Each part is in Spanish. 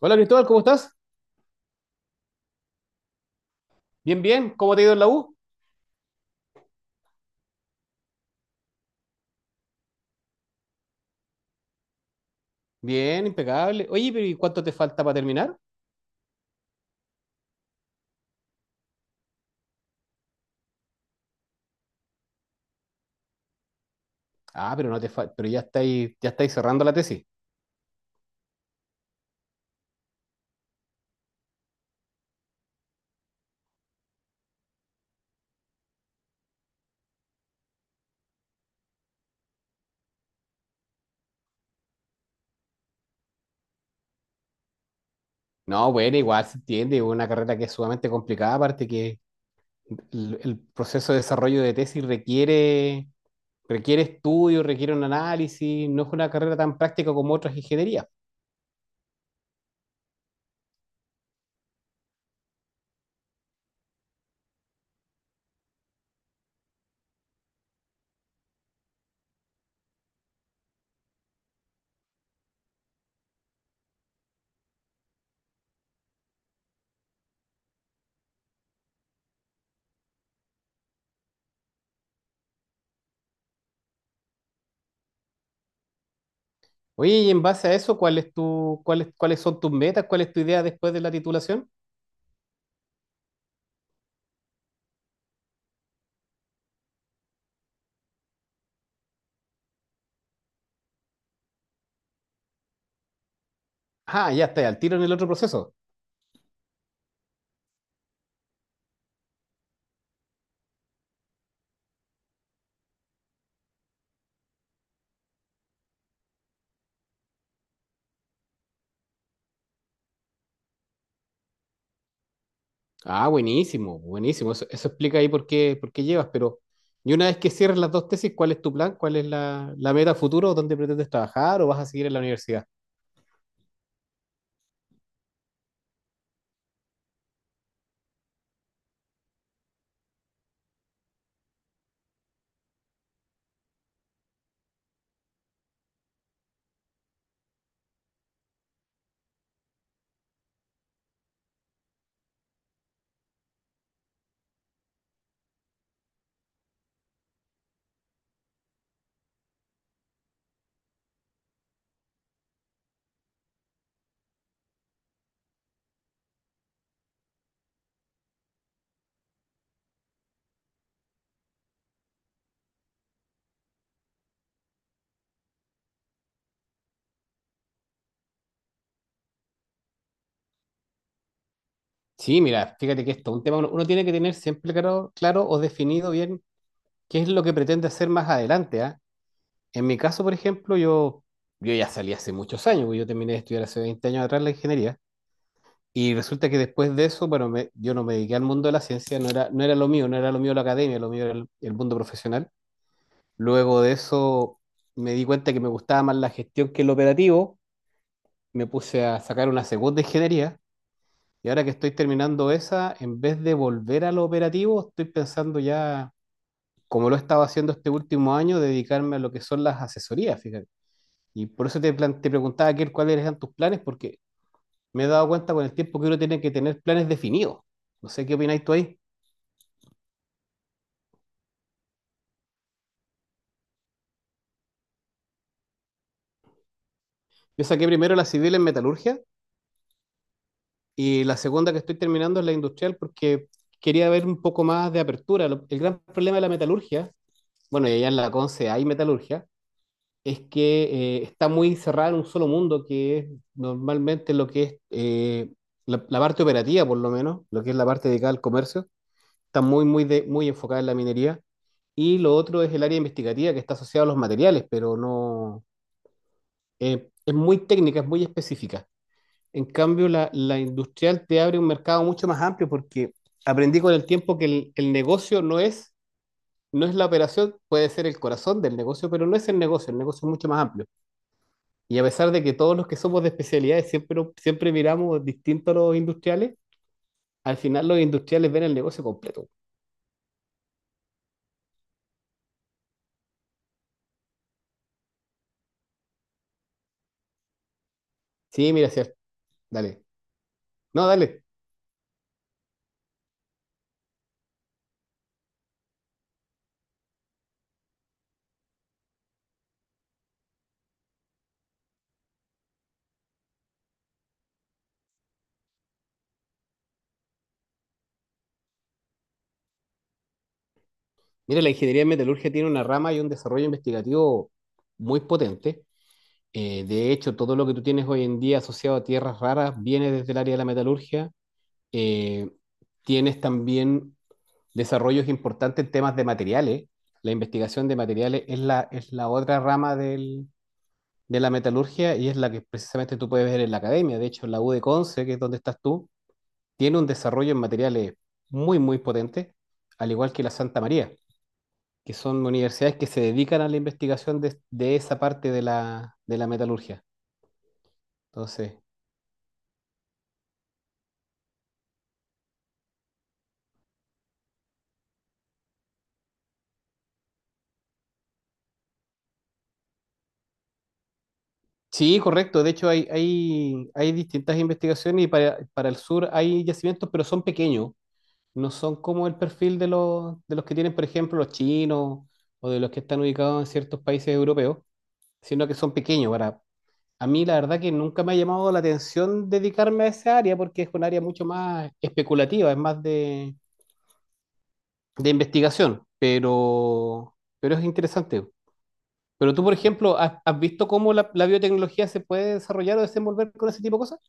Hola Cristóbal, ¿cómo estás? Bien. ¿Cómo te ha ido en la U? Bien, impecable. Oye, pero ¿y cuánto te falta para terminar? Ah, pero no te falta, pero ya estáis cerrando la tesis. No, bueno, igual se entiende, es una carrera que es sumamente complicada, aparte que el proceso de desarrollo de tesis requiere estudio, requiere un análisis, no es una carrera tan práctica como otras ingenierías. Oye, y en base a eso, ¿cuáles son tus metas? ¿Cuál es tu idea después de la titulación? Ah, ya está, al tiro en el otro proceso. Buenísimo. Eso explica ahí por qué llevas, pero y una vez que cierres las dos tesis, ¿cuál es tu plan? ¿Cuál es la meta futuro? ¿Dónde pretendes trabajar o vas a seguir en la universidad? Sí, mira, fíjate que esto es un tema, uno tiene que tener siempre claro o definido bien qué es lo que pretende hacer más adelante, ¿ah? En mi caso, por ejemplo, yo ya salí hace muchos años, porque yo terminé de estudiar hace 20 años atrás la ingeniería, y resulta que después de eso, bueno, yo no me dediqué al mundo de la ciencia, no era lo mío, no era lo mío la academia, lo mío era el mundo profesional. Luego de eso me di cuenta que me gustaba más la gestión que el operativo, me puse a sacar una segunda ingeniería y ahora que estoy terminando esa, en vez de volver a lo operativo, estoy pensando ya, como lo he estado haciendo este último año, dedicarme a lo que son las asesorías, fíjate. Y por eso te preguntaba, Kier, cuáles eran tus planes, porque me he dado cuenta con el tiempo que uno tiene que tener planes definidos. No sé qué opináis tú ahí. Yo saqué primero la civil en metalurgia. Y la segunda que estoy terminando es la industrial porque quería ver un poco más de apertura. El gran problema de la metalurgia, bueno, y allá en la Conce hay metalurgia, es que está muy cerrada en un solo mundo, que es normalmente lo que es la parte operativa, por lo menos, lo que es la parte dedicada al comercio, está muy, muy enfocada en la minería. Y lo otro es el área investigativa que está asociada a los materiales, pero no es muy técnica, es muy específica. En cambio, la industrial te abre un mercado mucho más amplio porque aprendí con el tiempo que el negocio no es la operación, puede ser el corazón del negocio, pero no es el negocio es mucho más amplio. Y a pesar de que todos los que somos de especialidades siempre miramos distinto a los industriales, al final los industriales ven el negocio completo. Sí, mira, sí, dale. No, dale. Mira, la ingeniería de metalurgia tiene una rama y un desarrollo investigativo muy potente. De hecho, todo lo que tú tienes hoy en día asociado a tierras raras viene desde el área de la metalurgia. Eh, Tienes también desarrollos importantes en temas de materiales. La investigación de materiales es es la otra rama de la metalurgia y es la que precisamente tú puedes ver en la academia. De hecho, la U de Conce, que es donde estás tú, tiene un desarrollo en materiales muy, muy potente, al igual que la Santa María, que son universidades que se dedican a la investigación de esa parte de de la metalurgia. Entonces... Sí, correcto. De hecho, hay distintas investigaciones y para el sur hay yacimientos, pero son pequeños. No son como el perfil de de los que tienen, por ejemplo, los chinos o de los que están ubicados en ciertos países europeos, sino que son pequeños. A mí, la verdad que nunca me ha llamado la atención dedicarme a esa área porque es un área mucho más especulativa, es más de investigación, pero es interesante. Pero tú, por ejemplo, ¿has, has visto cómo la biotecnología se puede desarrollar o desenvolver con ese tipo de cosas?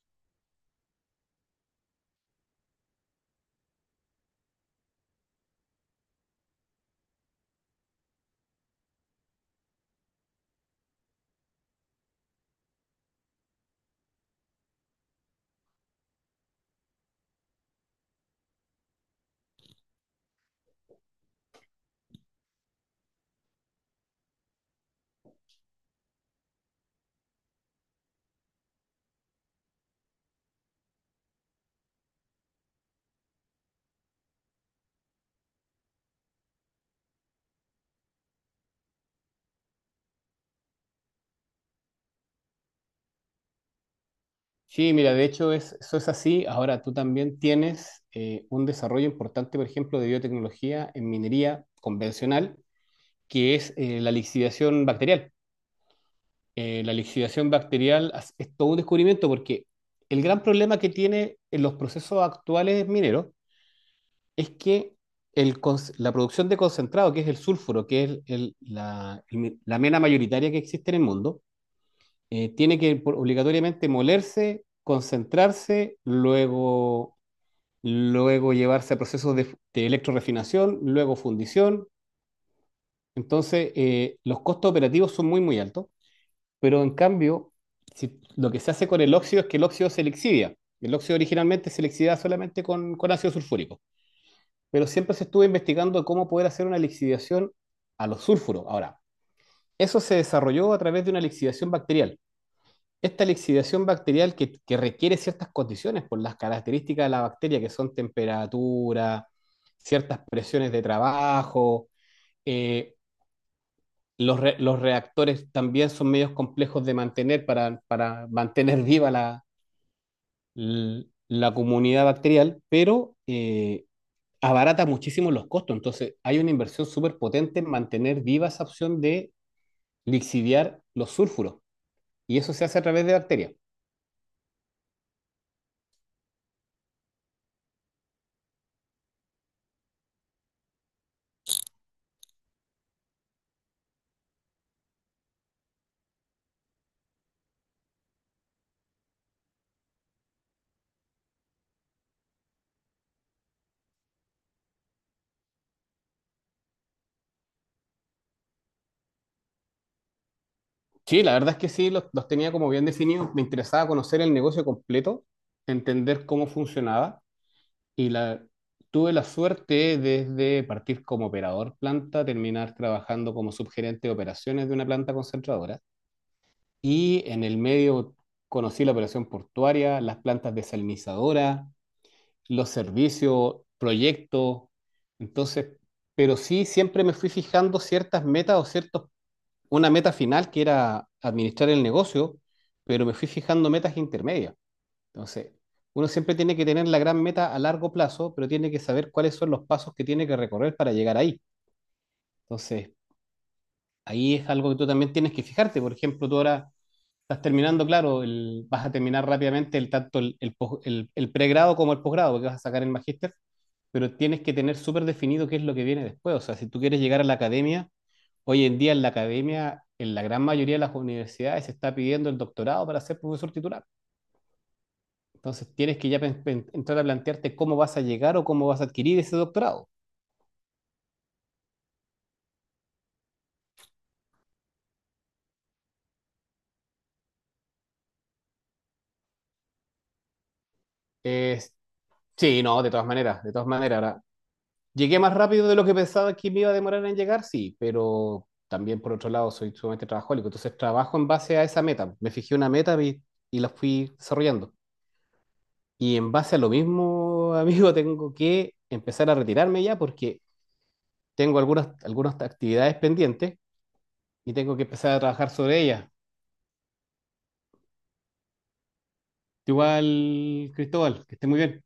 Sí, mira, de hecho eso es así. Ahora tú también tienes un desarrollo importante, por ejemplo, de biotecnología en minería convencional, que es la lixiviación bacterial. Es todo un descubrimiento porque el gran problema que tiene en los procesos actuales mineros es que la producción de concentrado, que es el sulfuro, que es la mena mayoritaria que existe en el mundo, tiene que obligatoriamente molerse, concentrarse, luego llevarse a procesos de electrorefinación, luego fundición. Entonces, los costos operativos son muy, muy altos, pero en cambio, lo que se hace con el óxido es que el óxido se lixidia. El óxido originalmente se lixidiaba solamente con ácido sulfúrico, pero siempre se estuvo investigando cómo poder hacer una lixiviación a los sulfuros. Ahora, eso se desarrolló a través de una lixiviación bacterial. Esta lixiviación bacterial que requiere ciertas condiciones por las características de la bacteria, que son temperatura, ciertas presiones de trabajo, eh, los reactores también son medios complejos de mantener para mantener viva la comunidad bacterial, pero abarata muchísimo los costos. Entonces, hay una inversión súper potente en mantener viva esa opción de lixiviar los sulfuros, y eso se hace a través de bacterias. Sí, la verdad es que sí, los tenía como bien definidos. Me interesaba conocer el negocio completo, entender cómo funcionaba y tuve la suerte desde partir como operador planta, terminar trabajando como subgerente de operaciones de una planta concentradora y en el medio conocí la operación portuaria, las plantas desalinizadoras, los servicios, proyectos. Entonces, pero sí siempre me fui fijando ciertas metas o ciertos una meta final que era administrar el negocio, pero me fui fijando metas intermedias. Entonces, uno siempre tiene que tener la gran meta a largo plazo, pero tiene que saber cuáles son los pasos que tiene que recorrer para llegar ahí. Entonces, ahí es algo que tú también tienes que fijarte. Por ejemplo, tú ahora estás terminando, claro, vas a terminar rápidamente el el pregrado como el posgrado, porque vas a sacar el magíster, pero tienes que tener súper definido qué es lo que viene después. O sea, si tú quieres llegar a la academia, hoy en día en la academia, en la gran mayoría de las universidades, se está pidiendo el doctorado para ser profesor titular. Entonces tienes que ya entrar a plantearte cómo vas a llegar o cómo vas a adquirir ese doctorado. Es- sí, no, de todas maneras, de todas maneras. Ahora, llegué más rápido de lo que pensaba que me iba a demorar en llegar, sí, pero también por otro lado soy sumamente trabajólico. Entonces trabajo en base a esa meta. Me fijé una meta y la fui desarrollando. Y en base a lo mismo, amigo, tengo que empezar a retirarme ya porque tengo algunas actividades pendientes y tengo que empezar a trabajar sobre ellas. Igual, Cristóbal, que esté muy bien.